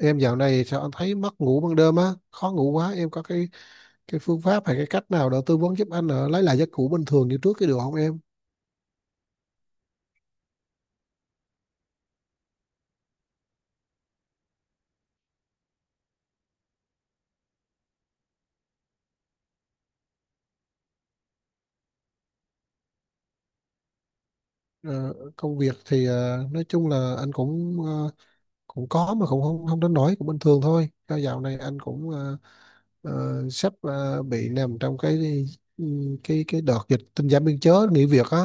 Em dạo này sao anh thấy mất ngủ ban đêm á, khó ngủ quá. Em có cái phương pháp hay cái cách nào để tư vấn giúp anh lấy lại giấc ngủ bình thường như trước cái được không em? Ờ, công việc thì nói chung là anh cũng cũng có mà cũng không không đến nỗi cũng bình thường thôi. Do dạo này anh cũng sắp bị nằm trong cái ừ, đợt dịch tinh giản biên chế nghỉ việc á.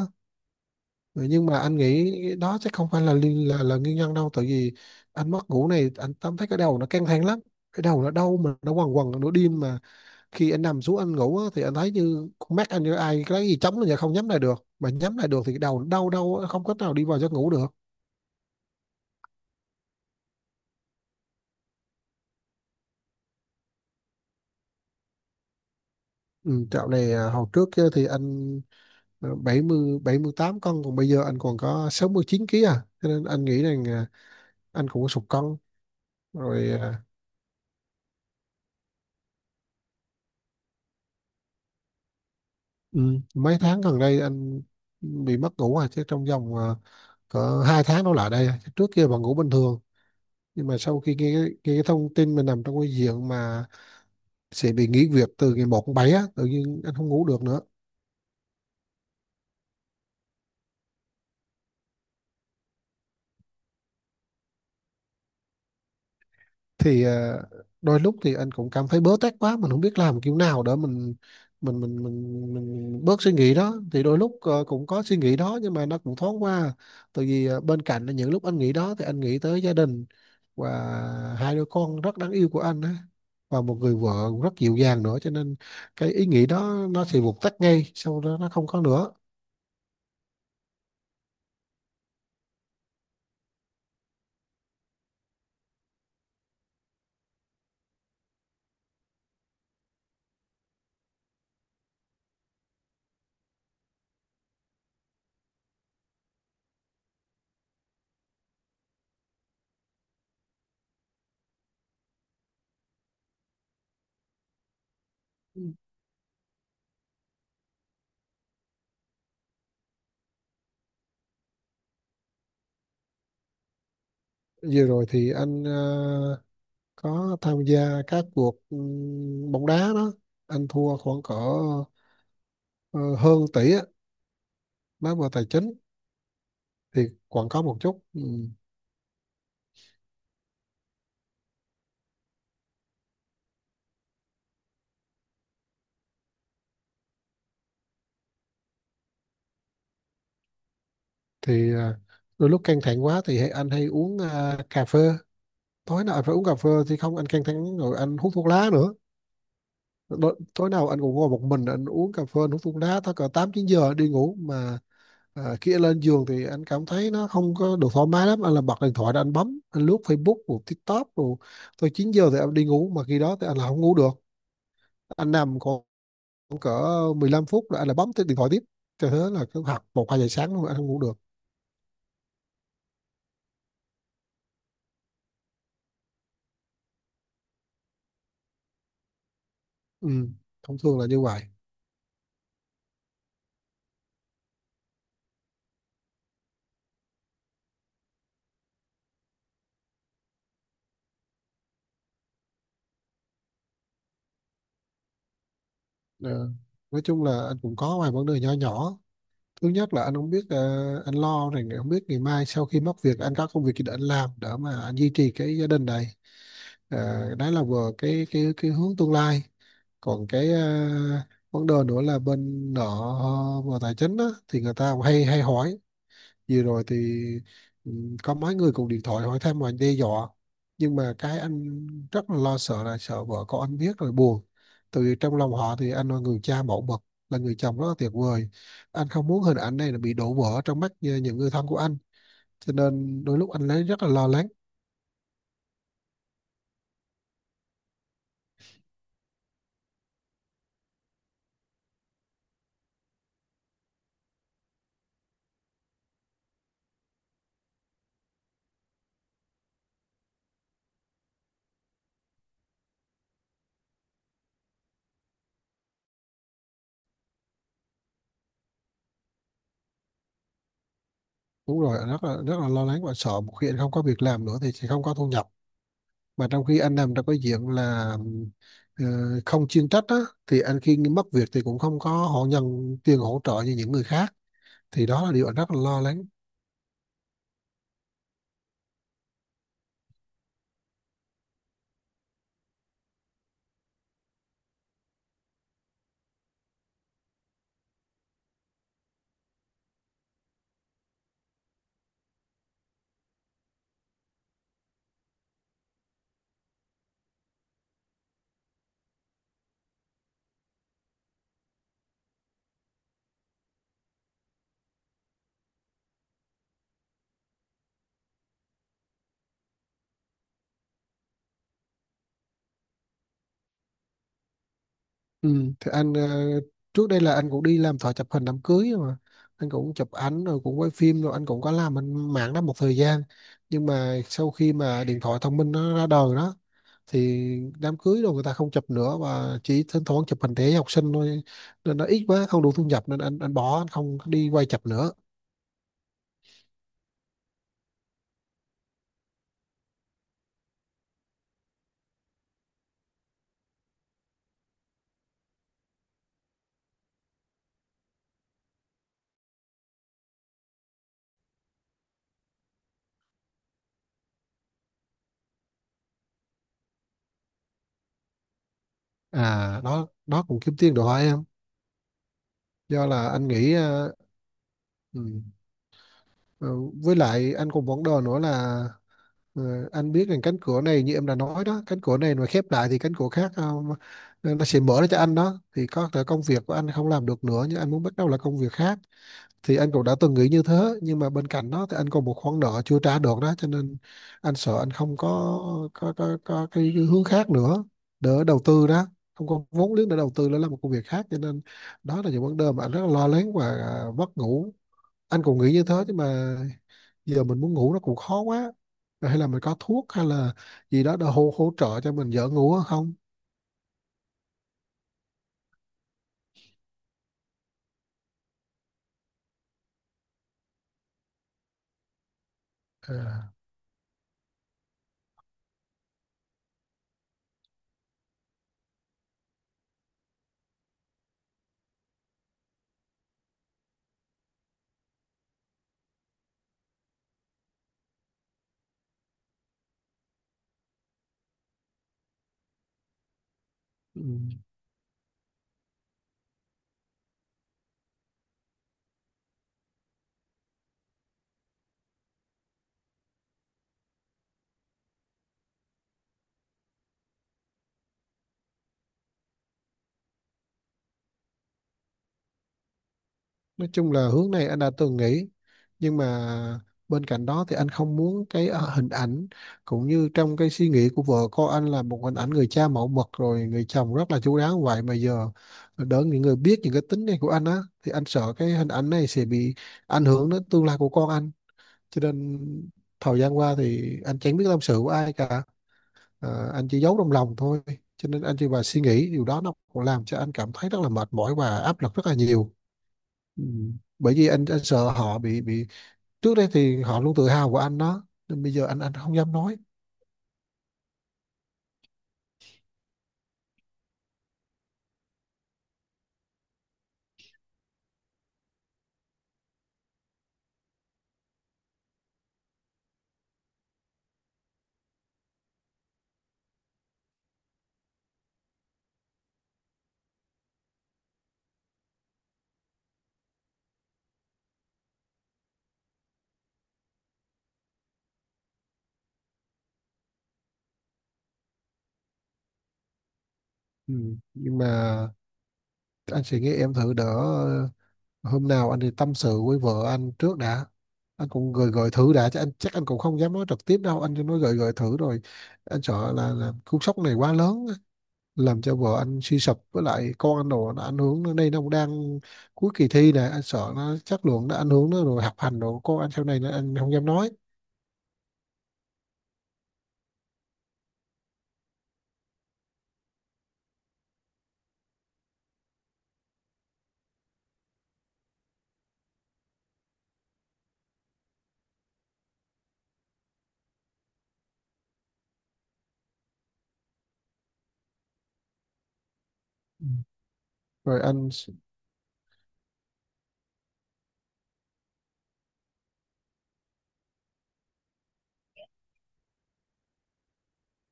Ừ, nhưng mà anh nghĩ đó chắc không phải là là nguyên nhân đâu. Tại vì anh mất ngủ này anh cảm thấy cái đầu nó căng thẳng lắm, cái đầu nó đau mà nó quằn quằn nửa đêm mà khi anh nằm xuống anh ngủ á, thì anh thấy như con mắt anh như ai cái gì chống là không nhắm lại được, mà nhắm lại được thì cái đầu nó đau đau á, không cách nào đi vào giấc ngủ được. Ừ, dạo này hồi trước á thì anh 78 cân, còn bây giờ anh còn có 69 ký à, cho nên anh nghĩ rằng anh cũng có sụt cân rồi. À, Ừ, mấy tháng gần đây anh bị mất ngủ à, chứ trong vòng cỡ 2 tháng đổ lại đây à. Trước kia vẫn ngủ bình thường, nhưng mà sau khi nghe, nghe cái thông tin mình nằm trong cái diện mà sẽ bị nghỉ việc từ ngày 1 tháng 7 á, tự nhiên anh không ngủ được nữa. Thì đôi lúc thì anh cũng cảm thấy bớ tét quá, mình không biết làm kiểu nào để mình bớt suy nghĩ đó. Thì đôi lúc cũng có suy nghĩ đó, nhưng mà nó cũng thoáng qua, tại vì bên cạnh là những lúc anh nghĩ đó thì anh nghĩ tới gia đình và hai đứa con rất đáng yêu của anh á, và một người vợ rất dịu dàng nữa, cho nên cái ý nghĩ đó nó sẽ vụt tắt ngay sau đó, nó không có nữa. Vừa rồi thì anh có tham gia các cuộc bóng đá đó, anh thua khoảng cỡ ờ, hơn tỷ á, nói về tài chính thì còn có một chút. Ừ. thì đôi lúc căng thẳng quá thì anh hay uống cà phê, tối nào anh phải uống cà phê thì không anh căng thẳng, rồi anh hút thuốc lá nữa. Tối nào anh cũng ngồi một mình anh uống cà phê, anh hút thuốc lá tới cỡ 8, 9 giờ đi ngủ mà khi anh lên giường thì anh cảm thấy nó không có được thoải mái lắm, anh là bật điện thoại ra anh bấm anh lướt Facebook rồi TikTok, rồi tới 9 giờ thì anh đi ngủ, mà khi đó thì anh là không ngủ được, anh nằm còn khoảng cỡ 15 phút là anh lại bấm tới điện thoại tiếp, cho thế là cứ học 1, 2 giờ sáng luôn anh không ngủ được. Ừ, thông thường là như vậy. Ờ, nói chung là anh cũng có vài vấn đề nhỏ nhỏ. Thứ nhất là anh không biết, anh lo rằng không biết ngày mai sau khi mất việc anh có công việc gì để anh làm để mà anh duy trì cái gia đình này. Đấy là vừa cái hướng tương lai, còn cái vấn đề nữa là bên nợ. Về tài chính á, thì người ta cũng hay hay hỏi. Vừa rồi thì ừ, có mấy người cùng điện thoại hỏi thăm và đe dọa, nhưng mà cái anh rất là lo sợ, là sợ vợ con anh biết rồi buồn. Tại vì trong lòng họ thì anh là người cha mẫu mực, là người chồng rất là tuyệt vời, anh không muốn hình ảnh này là bị đổ vỡ trong mắt như những người thân của anh, cho nên đôi lúc anh lấy rất là lo lắng. Đúng rồi, anh rất là lo lắng và sợ một khi anh không có việc làm nữa thì sẽ không có thu nhập, mà trong khi anh làm trong cái diện là ờ, không chuyên trách á, thì anh khi mất việc thì cũng không có họ nhận tiền hỗ trợ như những người khác, thì đó là điều anh rất là lo lắng. Ừ, thì anh trước đây là anh cũng đi làm thợ chụp hình đám cưới mà, anh cũng chụp ảnh rồi cũng quay phim rồi anh cũng có làm anh mạng đó một thời gian, nhưng mà sau khi mà điện thoại thông minh nó ra đời đó thì đám cưới rồi người ta không chụp nữa, và chỉ thỉnh thoảng chụp hình thể học sinh thôi, nên nó ít quá không đủ thu nhập, nên anh bỏ, anh không đi quay chụp nữa. À, đó đó cũng kiếm tiền đồ hôi em. Do là anh nghĩ ừ, ờ, với lại anh cũng vấn đề nữa là, ờ, anh biết rằng cánh cửa này như em đã nói đó, cánh cửa này mà khép lại thì cánh cửa khác nó sẽ mở ra cho anh đó, thì có thể công việc của anh không làm được nữa nhưng anh muốn bắt đầu là công việc khác, thì anh cũng đã từng nghĩ như thế. Nhưng mà bên cạnh đó thì anh còn một khoản nợ chưa trả được đó, cho nên anh sợ anh không có cái hướng khác nữa để đầu tư đó, không có vốn liếng để đầu tư nữa là một công việc khác, cho nên đó là những vấn đề mà anh rất là lo lắng và mất ngủ. Anh cũng nghĩ như thế, nhưng mà giờ mình muốn ngủ nó cũng khó quá. Rồi hay là mình có thuốc hay là gì đó để hỗ hỗ trợ cho mình dễ ngủ hơn không? À, ừ. nói chung là hướng này anh đã từng nghĩ, nhưng mà bên cạnh đó thì anh không muốn cái hình ảnh cũng như trong cái suy nghĩ của vợ con anh là một hình ảnh người cha mẫu mực rồi người chồng rất là chu đáo, vậy mà giờ đỡ những người biết những cái tính này của anh á, thì anh sợ cái hình ảnh này sẽ bị ảnh hưởng đến tương lai của con anh. Cho nên thời gian qua thì anh chẳng biết tâm sự của ai cả, anh chỉ giấu trong lòng thôi, cho nên anh chỉ và suy nghĩ điều đó, nó cũng làm cho anh cảm thấy rất là mệt mỏi và áp lực rất là nhiều. Ừ. Bởi vì anh sợ họ bị trước đây thì họ luôn tự hào của anh đó, nên bây giờ anh không dám nói. Ừ, nhưng mà anh sẽ nghĩ em thử đỡ, hôm nào anh thì tâm sự với vợ anh trước đã, anh cũng gợi gợi thử đã, chứ anh chắc anh cũng không dám nói trực tiếp đâu, anh chỉ nói gợi gợi thử rồi anh sợ là cú sốc này quá lớn á, làm cho vợ anh suy sụp, với lại con anh đồ nó ảnh hưởng nó, đây nó cũng đang cuối kỳ thi này, anh sợ nó chất lượng nó ảnh hưởng nó, rồi học hành đồ con anh sau này nó anh không dám nói. Ừ, rồi anh.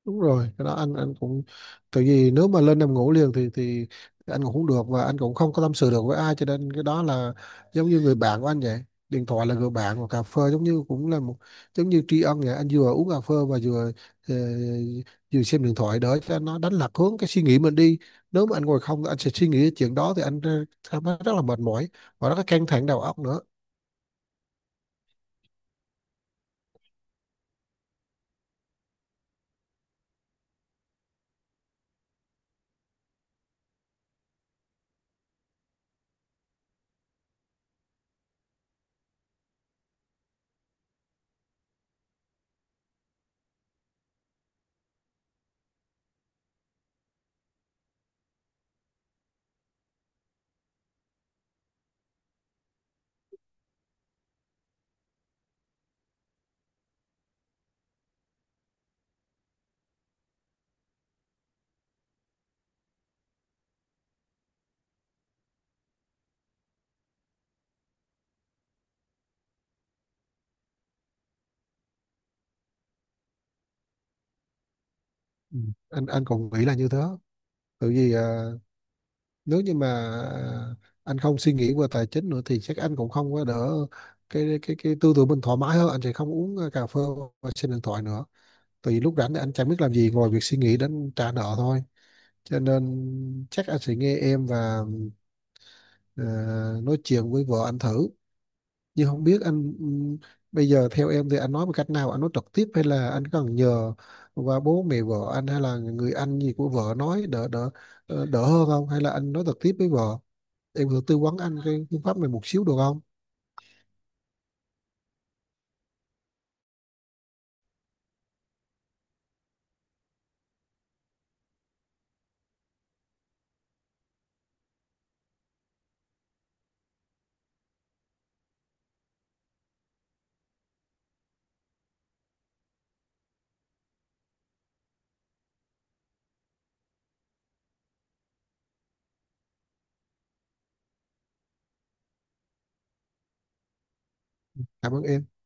Đúng rồi, cái đó anh cũng tại vì nếu mà lên nằm ngủ liền thì anh cũng không được, và anh cũng không có tâm sự được với ai, cho nên cái đó là giống như người bạn của anh vậy, điện thoại là người bạn, và cà phê giống như cũng là một, giống như tri ân vậy. Anh vừa uống cà phê và ờ, vừa xem điện thoại để cho nó đánh lạc hướng cái suy nghĩ mình đi, nếu mà anh ngồi không anh sẽ suy nghĩ cái chuyện đó thì anh cảm thấy rất là mệt mỏi và rất là căng thẳng đầu óc nữa. Ừ, anh cũng nghĩ là như thế, tại vì nếu như mà anh không suy nghĩ về tài chính nữa thì chắc anh cũng không có đỡ, cái tư tưởng mình thoải mái hơn, anh sẽ không uống cà phê và xem điện thoại nữa, tại vì lúc rảnh thì anh chẳng biết làm gì ngoài việc suy nghĩ đến trả nợ thôi. Cho nên chắc anh sẽ nghe em và ờ, nói chuyện với vợ anh thử, nhưng không biết anh, bây giờ theo em thì anh nói một cách nào, anh nói trực tiếp hay là anh cần nhờ qua bố mẹ vợ anh hay là người anh gì của vợ nói đỡ đỡ ờ, đỡ hơn không, hay là anh nói trực tiếp với vợ, em có thể tư vấn anh cái phương pháp này một xíu được không? Cảm ơn em.